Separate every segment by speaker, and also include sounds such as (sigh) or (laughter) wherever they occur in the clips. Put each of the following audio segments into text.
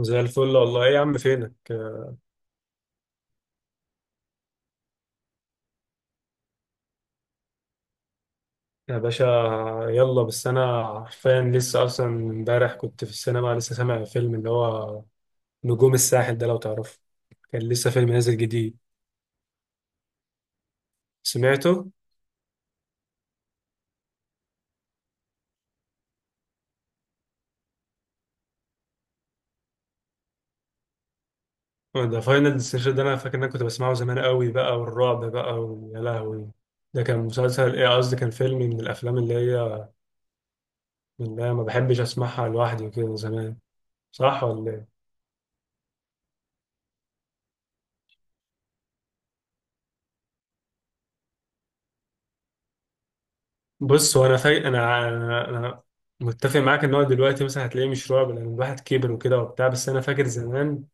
Speaker 1: زي الفل والله. ايه يا عم، فينك؟ يا باشا، يلا. بس انا حرفيا لسه، اصلا امبارح كنت في السينما، لسه سامع فيلم اللي هو نجوم الساحل ده، لو تعرفه. كان لسه فيلم نازل جديد، سمعته. أه، ده فاينل ديستنيشن ده، انا فاكر ان انا كنت بسمعه زمان قوي بقى، والرعب بقى، ويا لهوي. ده كان مسلسل، ايه قصدي، كان فيلم من الافلام اللي هي ما بحبش اسمعها لوحدي وكده زمان، صح ولا ايه؟ بص هو انا فاي انا انا متفق معاك ان هو دلوقتي مثلا هتلاقيه مش رعب، لان الواحد كبر وكده وبتاع، بس انا فاكر زمان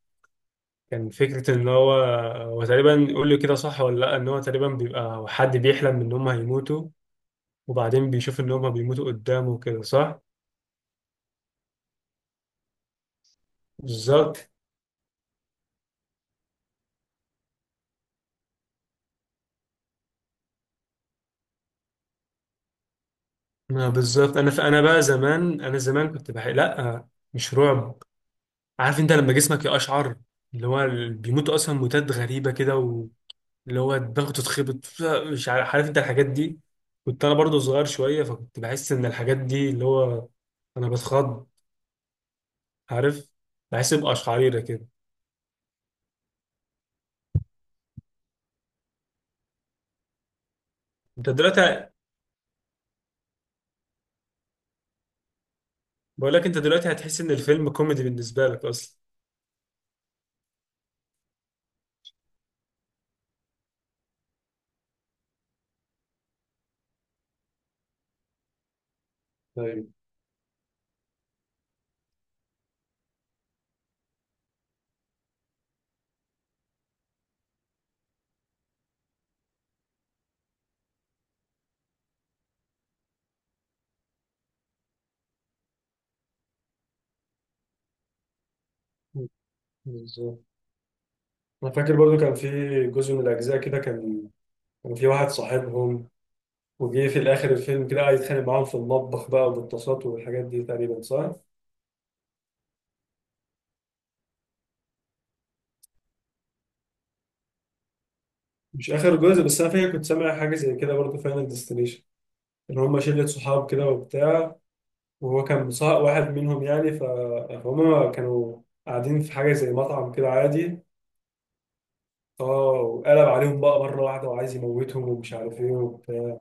Speaker 1: كان فكره ان هو تقريبا، يقول لي كده صح ولا لا، ان هو تقريبا بيبقى حد بيحلم ان هم هيموتوا، وبعدين بيشوف ان هم بيموتوا قدامه وكده، صح؟ بالظبط. ما بالظبط انا ف... انا بقى زمان انا زمان كنت بحق، لا مش رعب. عارف انت لما جسمك يقشعر، اللي هو بيموتوا اصلا موتات غريبه كده، اللي هو الضغط اتخبط، مش عارف. عارف انت الحاجات دي؟ كنت انا برضو صغير شويه، فكنت بحس ان الحاجات دي اللي هو، انا بتخض، عارف، بحس بقشعريره كده. انت دلوقتي بقول لك انت دلوقتي هتحس ان الفيلم كوميدي بالنسبه لك اصلا. ايوه بالظبط. انا فاكر برضو كان في جزء من الاجزاء كده، كان في واحد صاحبهم، وجه في الاخر الفيلم كده قاعد يتخانق معاهم في المطبخ بقى، وبالطاسات والحاجات دي تقريبا، صح؟ مش اخر جزء، بس انا فاكر كنت سامع حاجه زي كده برضو فاينل ديستنيشن، ان هم شله صحاب كده وبتاع، وهو كان مصاحب واحد منهم يعني، فهم كانوا قاعدين في حاجه زي مطعم كده، عادي. اه، وقلب عليهم بقى مره واحده، وعايز يموتهم ومش عارف ايه وبتاع.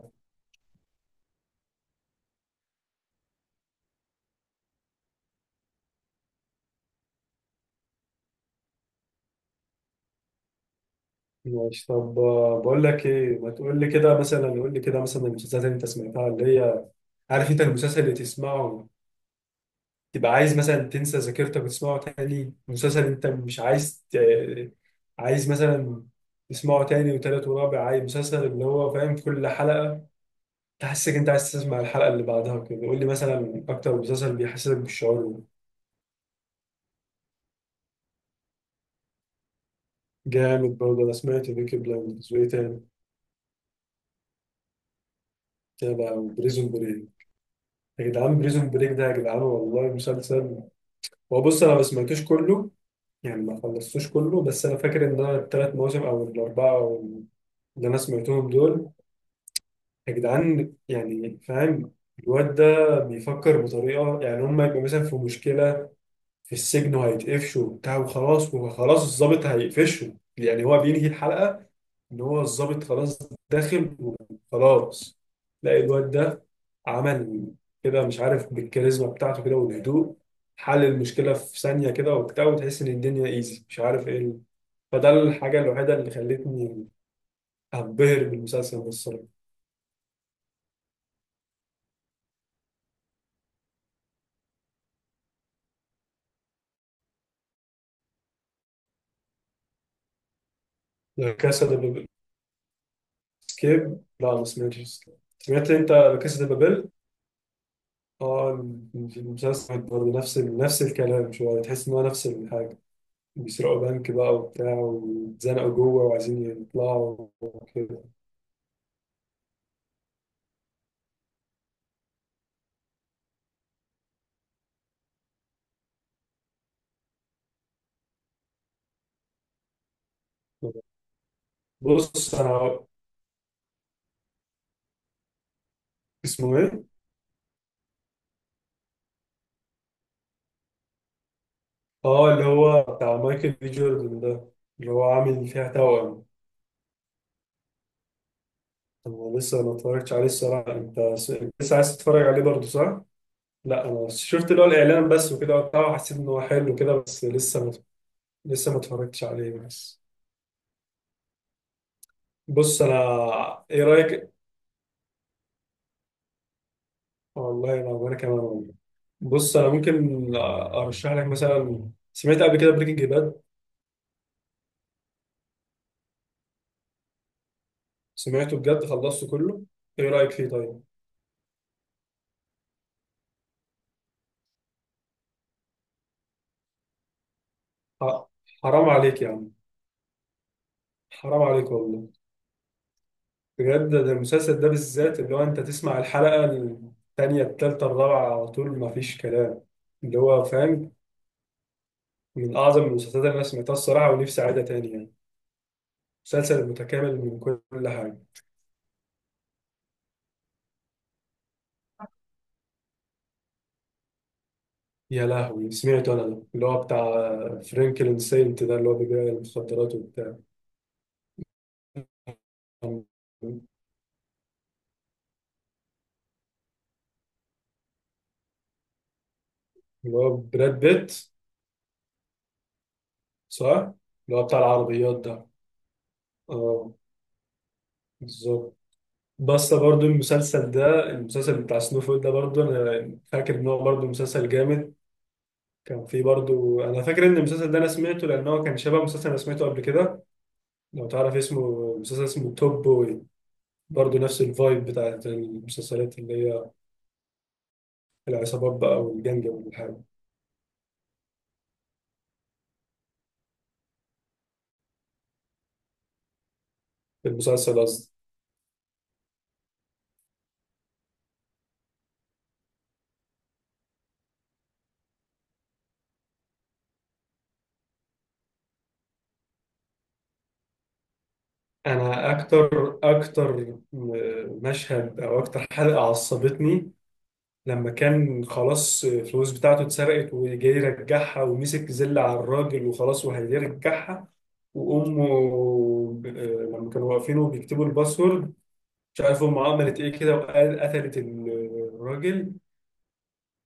Speaker 1: ماشي، طب، بقول لك ايه، ما تقول لي كده مثلا، قول لي كده مثلا المسلسلات اللي انت سمعتها اللي هي، عارف انت المسلسل اللي تسمعه تبقى عايز مثلا تنسى ذاكرتك وتسمعه تاني، مسلسل انت مش عايز عايز مثلا تسمعه تاني وتالت ورابع، عايز مسلسل اللي هو فاهم كل حلقه تحسك انت عايز تسمع الحلقة اللي بعدها كده، قول لي مثلا اكتر مسلسل بيحسسك بالشعور ده. جامد برضه. انا سمعت بيكي بلايندرز، وايه تاني كده، وبريزون بريك. يا جدعان، بريزون بريك ده يا جدعان، والله مسلسل. هو بص انا ما سمعتوش كله، يعني ما خلصتوش كله، بس انا فاكر ان انا 3 مواسم او 4 او اللي انا سمعتهم دول، يا جدعان يعني فاهم. الواد ده بيفكر بطريقة، يعني هم يبقوا مثلا في مشكلة في السجن وهيتقفشوا وبتاع وخلاص الضابط هيقفشه، يعني هو بينهي الحلقة إن هو الضابط خلاص داخل وخلاص. لا الواد ده عمل كده، مش عارف، بالكاريزما بتاعته كده والهدوء حل المشكلة في ثانية كده وبتاع، وتحس إن الدنيا إيزي، مش عارف إيه. فده الحاجة الوحيدة اللي خلتني أنبهر بالمسلسل ده الصراحة. لا كاسا دي بابل. سكيب، لا ما سمعتش سكيب. سمعت أنت لا كاسا دي بابل؟ اه، المسلسل برضه نفس نفس الكلام، شوية تحس إن هو نفس الحاجة، بيسرقوا بنك بقى وبتاع، واتزنقوا جوه وعايزين يطلعوا وكده. بص أنا اسمه إيه؟ اه، اللي هو بتاع مايكل بي جوردن ده، اللي هو عامل فيها توأم. أنا لسه ما اتفرجتش عليه الصراحة، أنت لسه عايز تتفرج عليه برضه، صح؟ لا، أنا شفت اللي هو الإعلان بس وكده وبتاع، وحسيت إن هو حلو كده، بس لسه ما اتفرجتش عليه بس. بص انا ايه رايك؟ والله انا، وانا كمان والله. بص انا ممكن ارشح لك مثلا، سمعت قبل كده بريكنج باد. سمعته بجد، خلصته كله. ايه رايك فيه طيب؟ ح- حرام عليك يا عم. حرام عليك والله. بجد ده المسلسل ده بالذات، اللي هو انت تسمع الحلقه الثانيه الثالثه الرابعه على طول، ما فيش كلام. اللي هو فاهم، من اعظم المسلسلات اللي انا سمعتها الصراحه، ونفسي اعيدها تاني يعني، مسلسل متكامل من كل حاجه. يا لهوي، سمعت انا ده، اللي هو بتاع فرانكلين سينت ده، اللي هو بيبيع المخدرات وبتاع. اللي هو براد بيت، صح؟ اللي هو بتاع العربيات ده. اه بالظبط. بس برضو المسلسل ده، المسلسل بتاع سنوفل ده برضو، انا فاكر ان هو برضو مسلسل جامد. كان فيه برضو، انا فاكر ان المسلسل ده انا سمعته، لان هو كان شبه مسلسل انا سمعته قبل كده، لو تعرف اسمه، مسلسل اسمه توب بوي، برضو نفس الفايب بتاعت المسلسلات اللي هي العصابات بقى والجنج والحاجة. في المسلسل قصدي. أنا أكتر مشهد أو أكتر حلقة عصبتني، لما كان خلاص الفلوس بتاعته اتسرقت وجاي يرجعها، ومسك زل على الراجل وخلاص وهيرجعها، وأمه، ب- لما كانوا واقفين وبيكتبوا الباسورد، مش عارف أمه عملت إيه كده، وقال قتلت الراجل.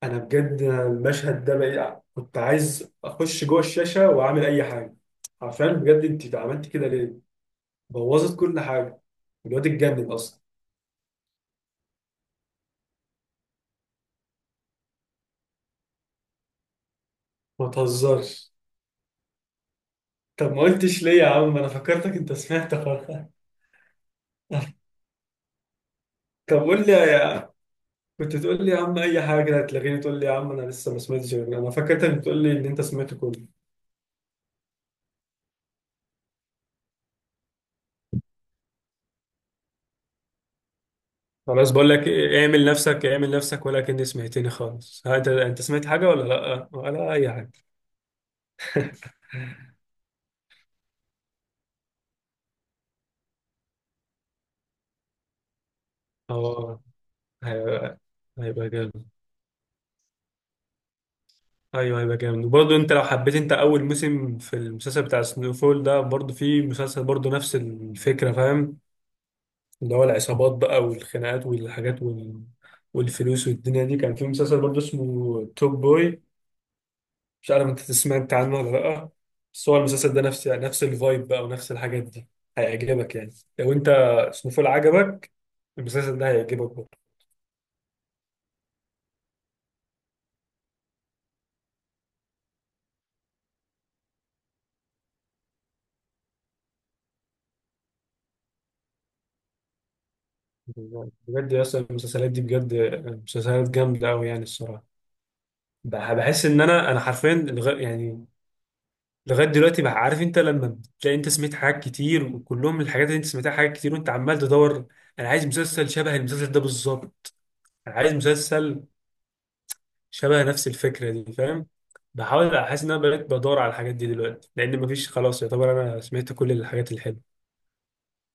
Speaker 1: انا بجد المشهد ده بقى كنت عايز اخش جوه الشاشه واعمل اي حاجه. عارفين بجد انت عملت كده ليه؟ بوظت كل حاجه. الواد اتجنن اصلا. ما تهزرش. طب ما قلتش ليه يا عم؟ انا فكرتك انت سمعت خلاص. طب قول لي يا، كنت تقول لي يا عم اي حاجه، هتلاقيني تقول لي يا عم انا لسه ما سمعتش انا فكرتك بتقول لي ان انت سمعت كله. خلاص بقول لك إيه، اعمل نفسك، اعمل نفسك، ولكني سمعتني خالص، ها، انت سمعت حاجه ولا لا ولا اي حاجه؟ (laughs) اه، هيبقى، هيبقى جامد. ايوه هيبقى جامد. وبرضه انت لو حبيت، انت اول موسم في المسلسل بتاع سنو فول ده برضه، في مسلسل برضه نفس الفكره، فاهم، اللي هو العصابات بقى والخناقات والحاجات والفلوس والدنيا دي، كان في مسلسل برضه اسمه توب بوي، مش عارف انت سمعت عنه ولا لا، بس هو المسلسل ده نفس الفايب بقى، ونفس الحاجات دي، هيعجبك يعني. لو انت سنو فول عجبك، المسلسل ده هيعجبك برضه. بجد يا اسطى، المسلسلات دي بجد مسلسلات جامده قوي، يعني الصراحه. بحس ان انا حرفيا لغا يعني، لغايه دلوقتي بقى، عارف انت لما بتلاقي انت سمعت حاجات كتير، وكلهم الحاجات اللي انت سمعتها حاجات كتير، وانت عمال تدور، انا عايز مسلسل شبه المسلسل ده بالظبط، انا عايز مسلسل شبه نفس الفكره دي فاهم. بحاول احس ان انا بقيت بدور على الحاجات دي دلوقتي، لان مفيش خلاص، يعتبر انا سمعت كل الحاجات الحلوه.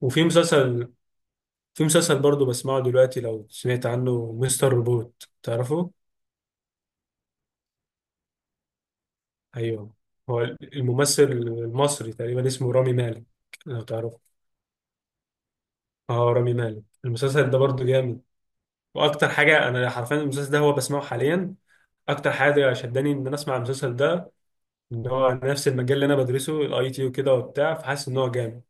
Speaker 1: وفي مسلسل في مسلسل برضه بسمعه دلوقتي، لو سمعت عنه، مستر روبوت، تعرفه؟ ايوه، هو الممثل المصري تقريبا اسمه رامي مالك، لو تعرفه. اه رامي مالك، المسلسل ده برضو جامد. واكتر حاجه انا حرفيا المسلسل ده هو بسمعه حاليا، اكتر حاجه شداني ان انا اسمع المسلسل ده، ان هو نفس المجال اللي انا بدرسه الاي تي وكده وبتاع، فحاسس ان هو جامد.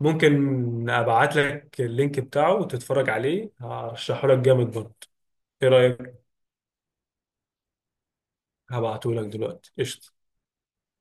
Speaker 1: ممكن ابعت لك اللينك بتاعه وتتفرج عليه، هرشحه لك جامد برضه. ايه رايك؟ هبعته لك دلوقتي، قشطه.